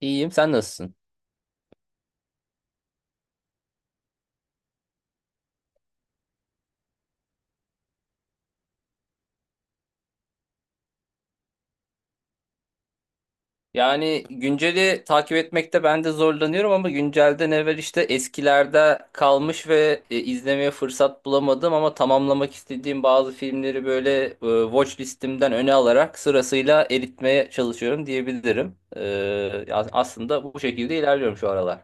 İyiyim, sen nasılsın? Yani günceli takip etmekte ben de zorlanıyorum ama güncelden evvel işte eskilerde kalmış ve izlemeye fırsat bulamadım ama tamamlamak istediğim bazı filmleri böyle watch listimden öne alarak sırasıyla eritmeye çalışıyorum diyebilirim. Aslında bu şekilde ilerliyorum şu aralar.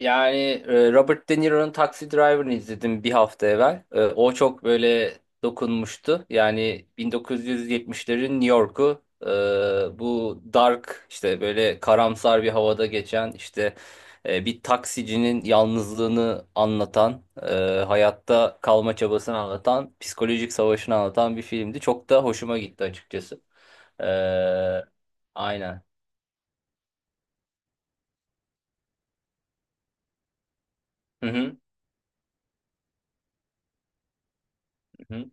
Yani Robert De Niro'nun Taxi Driver'ını izledim bir hafta evvel. O çok böyle dokunmuştu. Yani 1970'lerin New York'u, bu dark, işte böyle karamsar bir havada geçen, işte bir taksicinin yalnızlığını anlatan, hayatta kalma çabasını anlatan, psikolojik savaşını anlatan bir filmdi. Çok da hoşuma gitti açıkçası. E, aynen. Hı hı. Hı hı.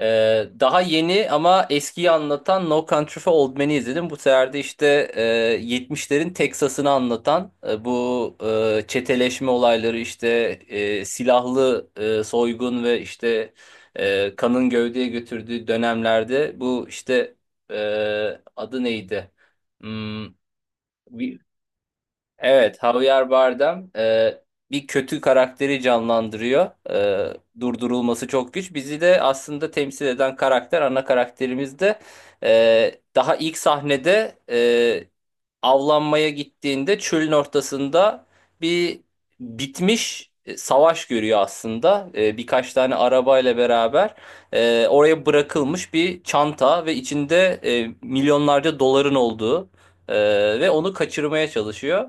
Daha yeni ama eskiyi anlatan No Country for Old Men'i izledim. Bu sefer de işte e, 70'lerin Teksas'ını anlatan, çeteleşme olayları, işte silahlı soygun ve işte kanın gövdeye götürdüğü dönemlerde bu, e, adı neydi? Hmm, Evet, Javier Bardem bir kötü karakteri canlandırıyor. Durdurulması çok güç. Bizi de aslında temsil eden karakter, ana karakterimiz de daha ilk sahnede, avlanmaya gittiğinde çölün ortasında bir bitmiş savaş görüyor aslında. Birkaç tane arabayla beraber oraya bırakılmış bir çanta ve içinde milyonlarca doların olduğu ve onu kaçırmaya çalışıyor.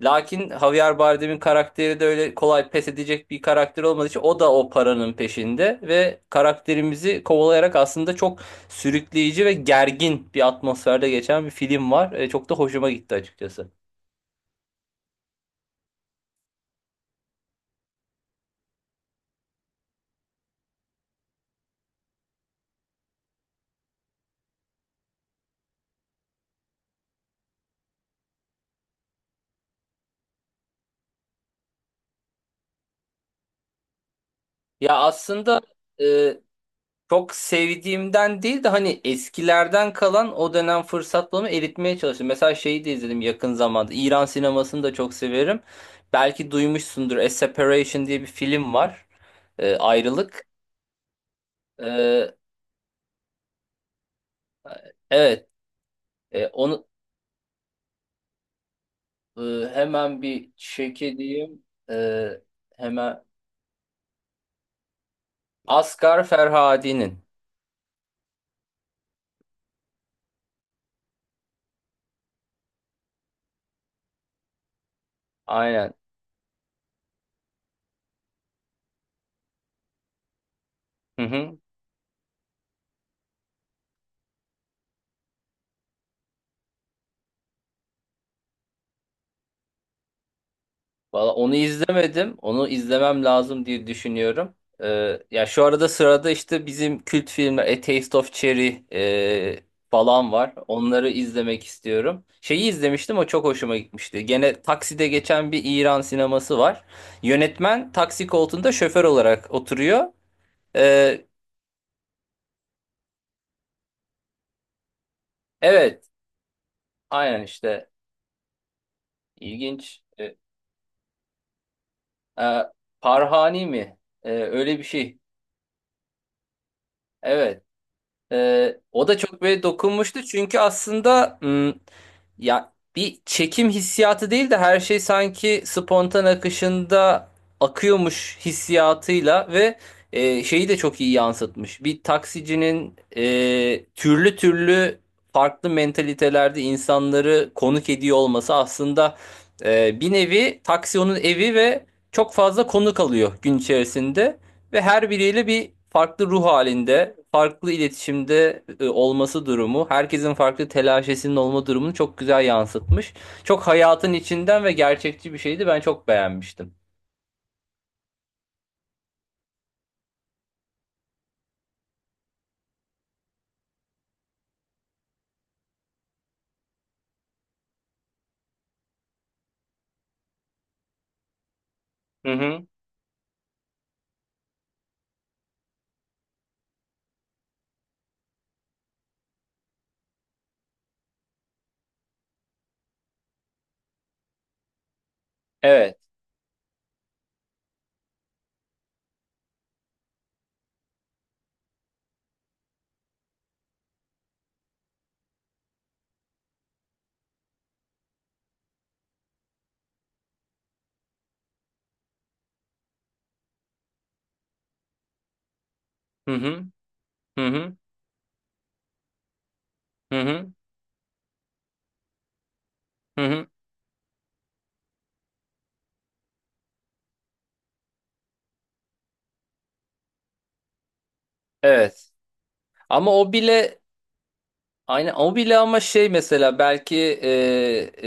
Lakin Javier Bardem'in karakteri de öyle kolay pes edecek bir karakter olmadığı için o da o paranın peşinde ve karakterimizi kovalayarak aslında çok sürükleyici ve gergin bir atmosferde geçen bir film var. Çok da hoşuma gitti açıkçası. Ya aslında e, çok sevdiğimden değil de hani eskilerden kalan o dönem fırsat bulma eritmeye çalıştım. Mesela şeyi de izledim yakın zamanda. İran sinemasını da çok severim. Belki duymuşsundur. A Separation diye bir film var. Ayrılık. Ee, e, evet, onu e, hemen bir check edeyim. Ee, hemen Asgar Ferhadi'nin. Aynen. Hı hı. Valla onu izlemedim. Onu izlemem lazım diye düşünüyorum. Ya şu arada sırada işte bizim kült filmler A Taste of Cherry falan var. Onları izlemek istiyorum. Şeyi izlemiştim, o çok hoşuma gitmişti. Gene takside geçen bir İran sineması var. Yönetmen taksi koltuğunda şoför olarak oturuyor. Ee, Evet, aynen işte ilginç. E, Parhani mi? Öyle bir şey. Evet. O da çok böyle dokunmuştu çünkü aslında, ya bir çekim hissiyatı değil de her şey sanki spontan akışında akıyormuş hissiyatıyla ve şeyi de çok iyi yansıtmış. Bir taksicinin türlü türlü farklı mentalitelerde insanları konuk ediyor olması aslında bir nevi taksi onun evi ve çok fazla konuk alıyor gün içerisinde. Ve her biriyle bir farklı ruh halinde, farklı iletişimde olması durumu, herkesin farklı telaşesinin olma durumunu çok güzel yansıtmış. Çok hayatın içinden ve gerçekçi bir şeydi. Ben çok beğenmiştim. Hı hı. Evet. Hı hı. Hı hı. Hı hı. Hı hı. Evet. Ama o bile aynen o bile, ama şey, mesela belki e,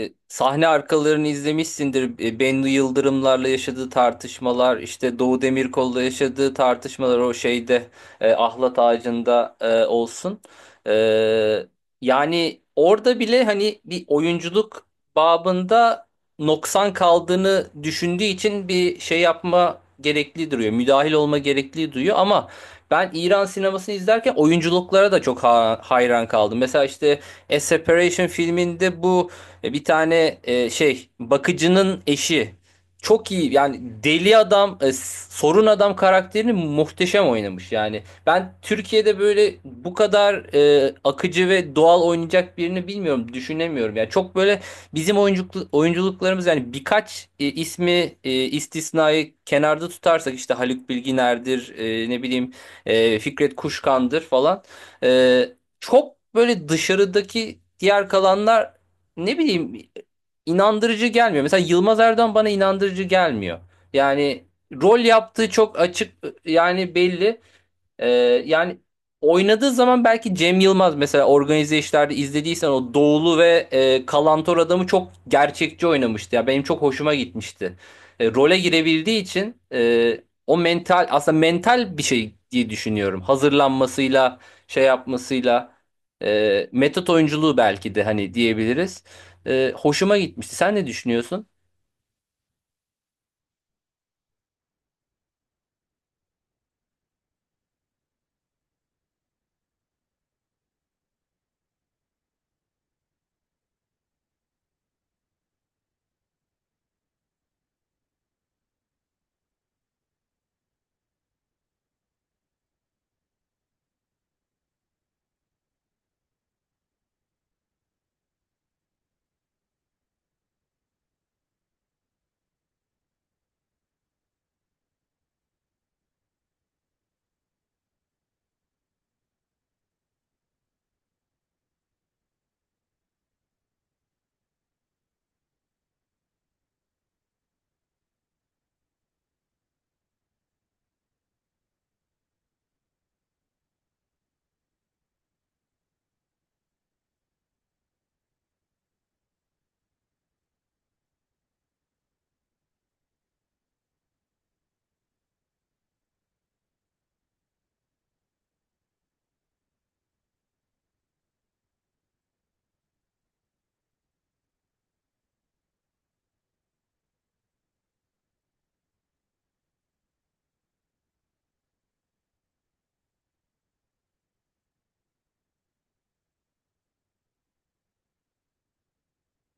e, sahne arkalarını izlemişsindir. Bennu Yıldırımlarla yaşadığı tartışmalar, işte Doğu Demirkol'la yaşadığı tartışmalar, o şeyde ahlat ağacında olsun. E, Yani orada bile hani bir oyunculuk babında noksan kaldığını düşündüğü için bir şey yapma gerekli duruyor. Müdahil olma gerekli duyuyor, ama ben İran sinemasını izlerken oyunculuklara da çok hayran kaldım. Mesela işte A Separation filminde bu bir tane, şey, bakıcının eşi çok iyi, yani deli adam, sorun adam karakterini muhteşem oynamış yani. Ben Türkiye'de böyle bu kadar akıcı ve doğal oynayacak birini bilmiyorum, düşünemiyorum. Yani çok böyle oyunculuklarımız yani birkaç ismi, istisnayı kenarda tutarsak işte Haluk Bilginer'dir, ne bileyim Fikret Kuşkan'dır falan. E, Çok böyle dışarıdaki diğer kalanlar, ne bileyim, inandırıcı gelmiyor. Mesela Yılmaz Erdoğan bana inandırıcı gelmiyor. Yani rol yaptığı çok açık, yani belli. Ee, Yani oynadığı zaman, belki Cem Yılmaz, mesela organize işlerde izlediysen, o Doğulu ve Kalantor adamı çok gerçekçi oynamıştı. Ya benim çok hoşuma gitmişti. Role girebildiği için o mental, aslında mental bir şey diye düşünüyorum. Hazırlanmasıyla, şey yapmasıyla, metot oyunculuğu belki de hani diyebiliriz. Hoşuma gitmişti. Sen ne düşünüyorsun?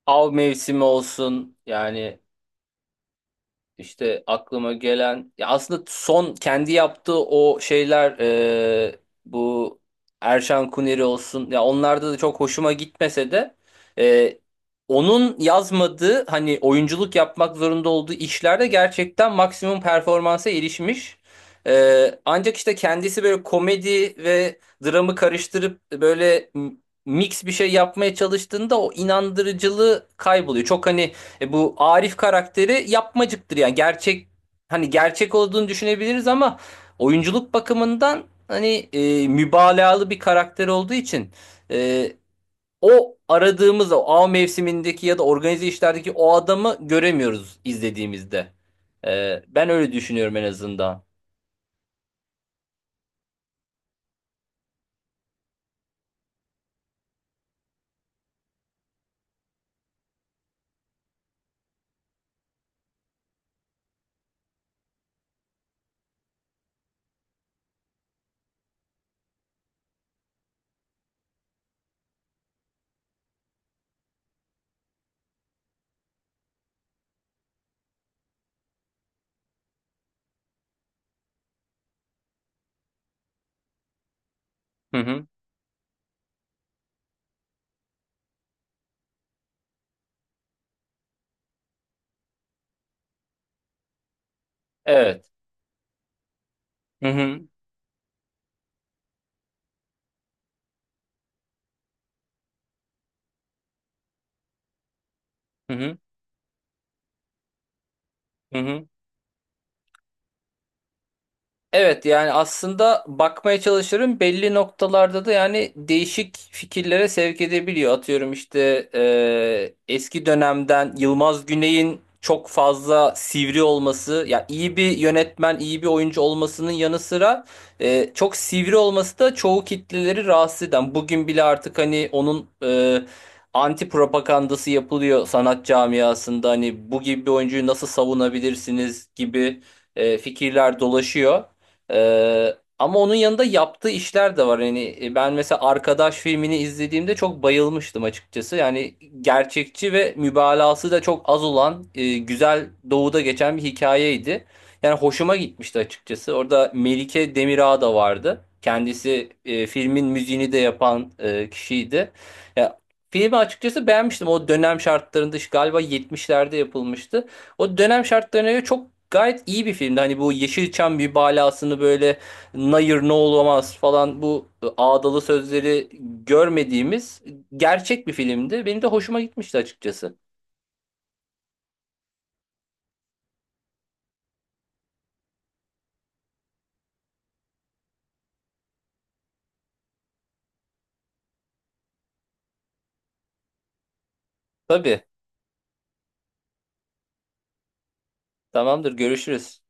Av mevsimi olsun yani, İşte aklıma gelen. Ya aslında son kendi yaptığı o şeyler, bu Erşan Kuneri olsun, ya onlarda da çok hoşuma gitmese de e, onun yazmadığı hani oyunculuk yapmak zorunda olduğu işlerde gerçekten maksimum performansa erişmiş. Ancak işte kendisi böyle komedi ve dramı karıştırıp böyle mix bir şey yapmaya çalıştığında o inandırıcılığı kayboluyor. Çok hani, bu Arif karakteri yapmacıktır, yani gerçek, hani gerçek olduğunu düşünebiliriz ama oyunculuk bakımından hani mübalağalı bir karakter olduğu için e, o aradığımız o av mevsimindeki ya da organize işlerdeki o adamı göremiyoruz izlediğimizde. Ben öyle düşünüyorum en azından. Hı hı. Evet. Hı hı. Hı hı. Hı hı. Evet, yani aslında bakmaya çalışırım. Belli noktalarda da yani değişik fikirlere sevk edebiliyor. Atıyorum işte eski dönemden Yılmaz Güney'in çok fazla sivri olması, ya iyi bir yönetmen, iyi bir oyuncu olmasının yanı sıra çok sivri olması da çoğu kitleleri rahatsız eden. Bugün bile artık hani onun anti propagandası yapılıyor sanat camiasında. Hani bu gibi bir oyuncuyu nasıl savunabilirsiniz gibi fikirler dolaşıyor. Ama onun yanında yaptığı işler de var. Yani ben mesela Arkadaş filmini izlediğimde çok bayılmıştım açıkçası. Yani gerçekçi ve mübalağası da çok az olan güzel, doğuda geçen bir hikayeydi. Yani hoşuma gitmişti açıkçası. Orada Melike Demirağ da vardı. Kendisi filmin müziğini de yapan kişiydi. Ya, filmi açıkçası beğenmiştim. O dönem şartlarında, işte galiba 70'lerde yapılmıştı. O dönem şartlarına göre çok gayet iyi bir filmdi. Hani bu Yeşilçam bir balasını böyle "nayır ne olamaz" falan, bu ağdalı sözleri görmediğimiz gerçek bir filmdi. Benim de hoşuma gitmişti açıkçası. Tabii. Tamamdır. Görüşürüz.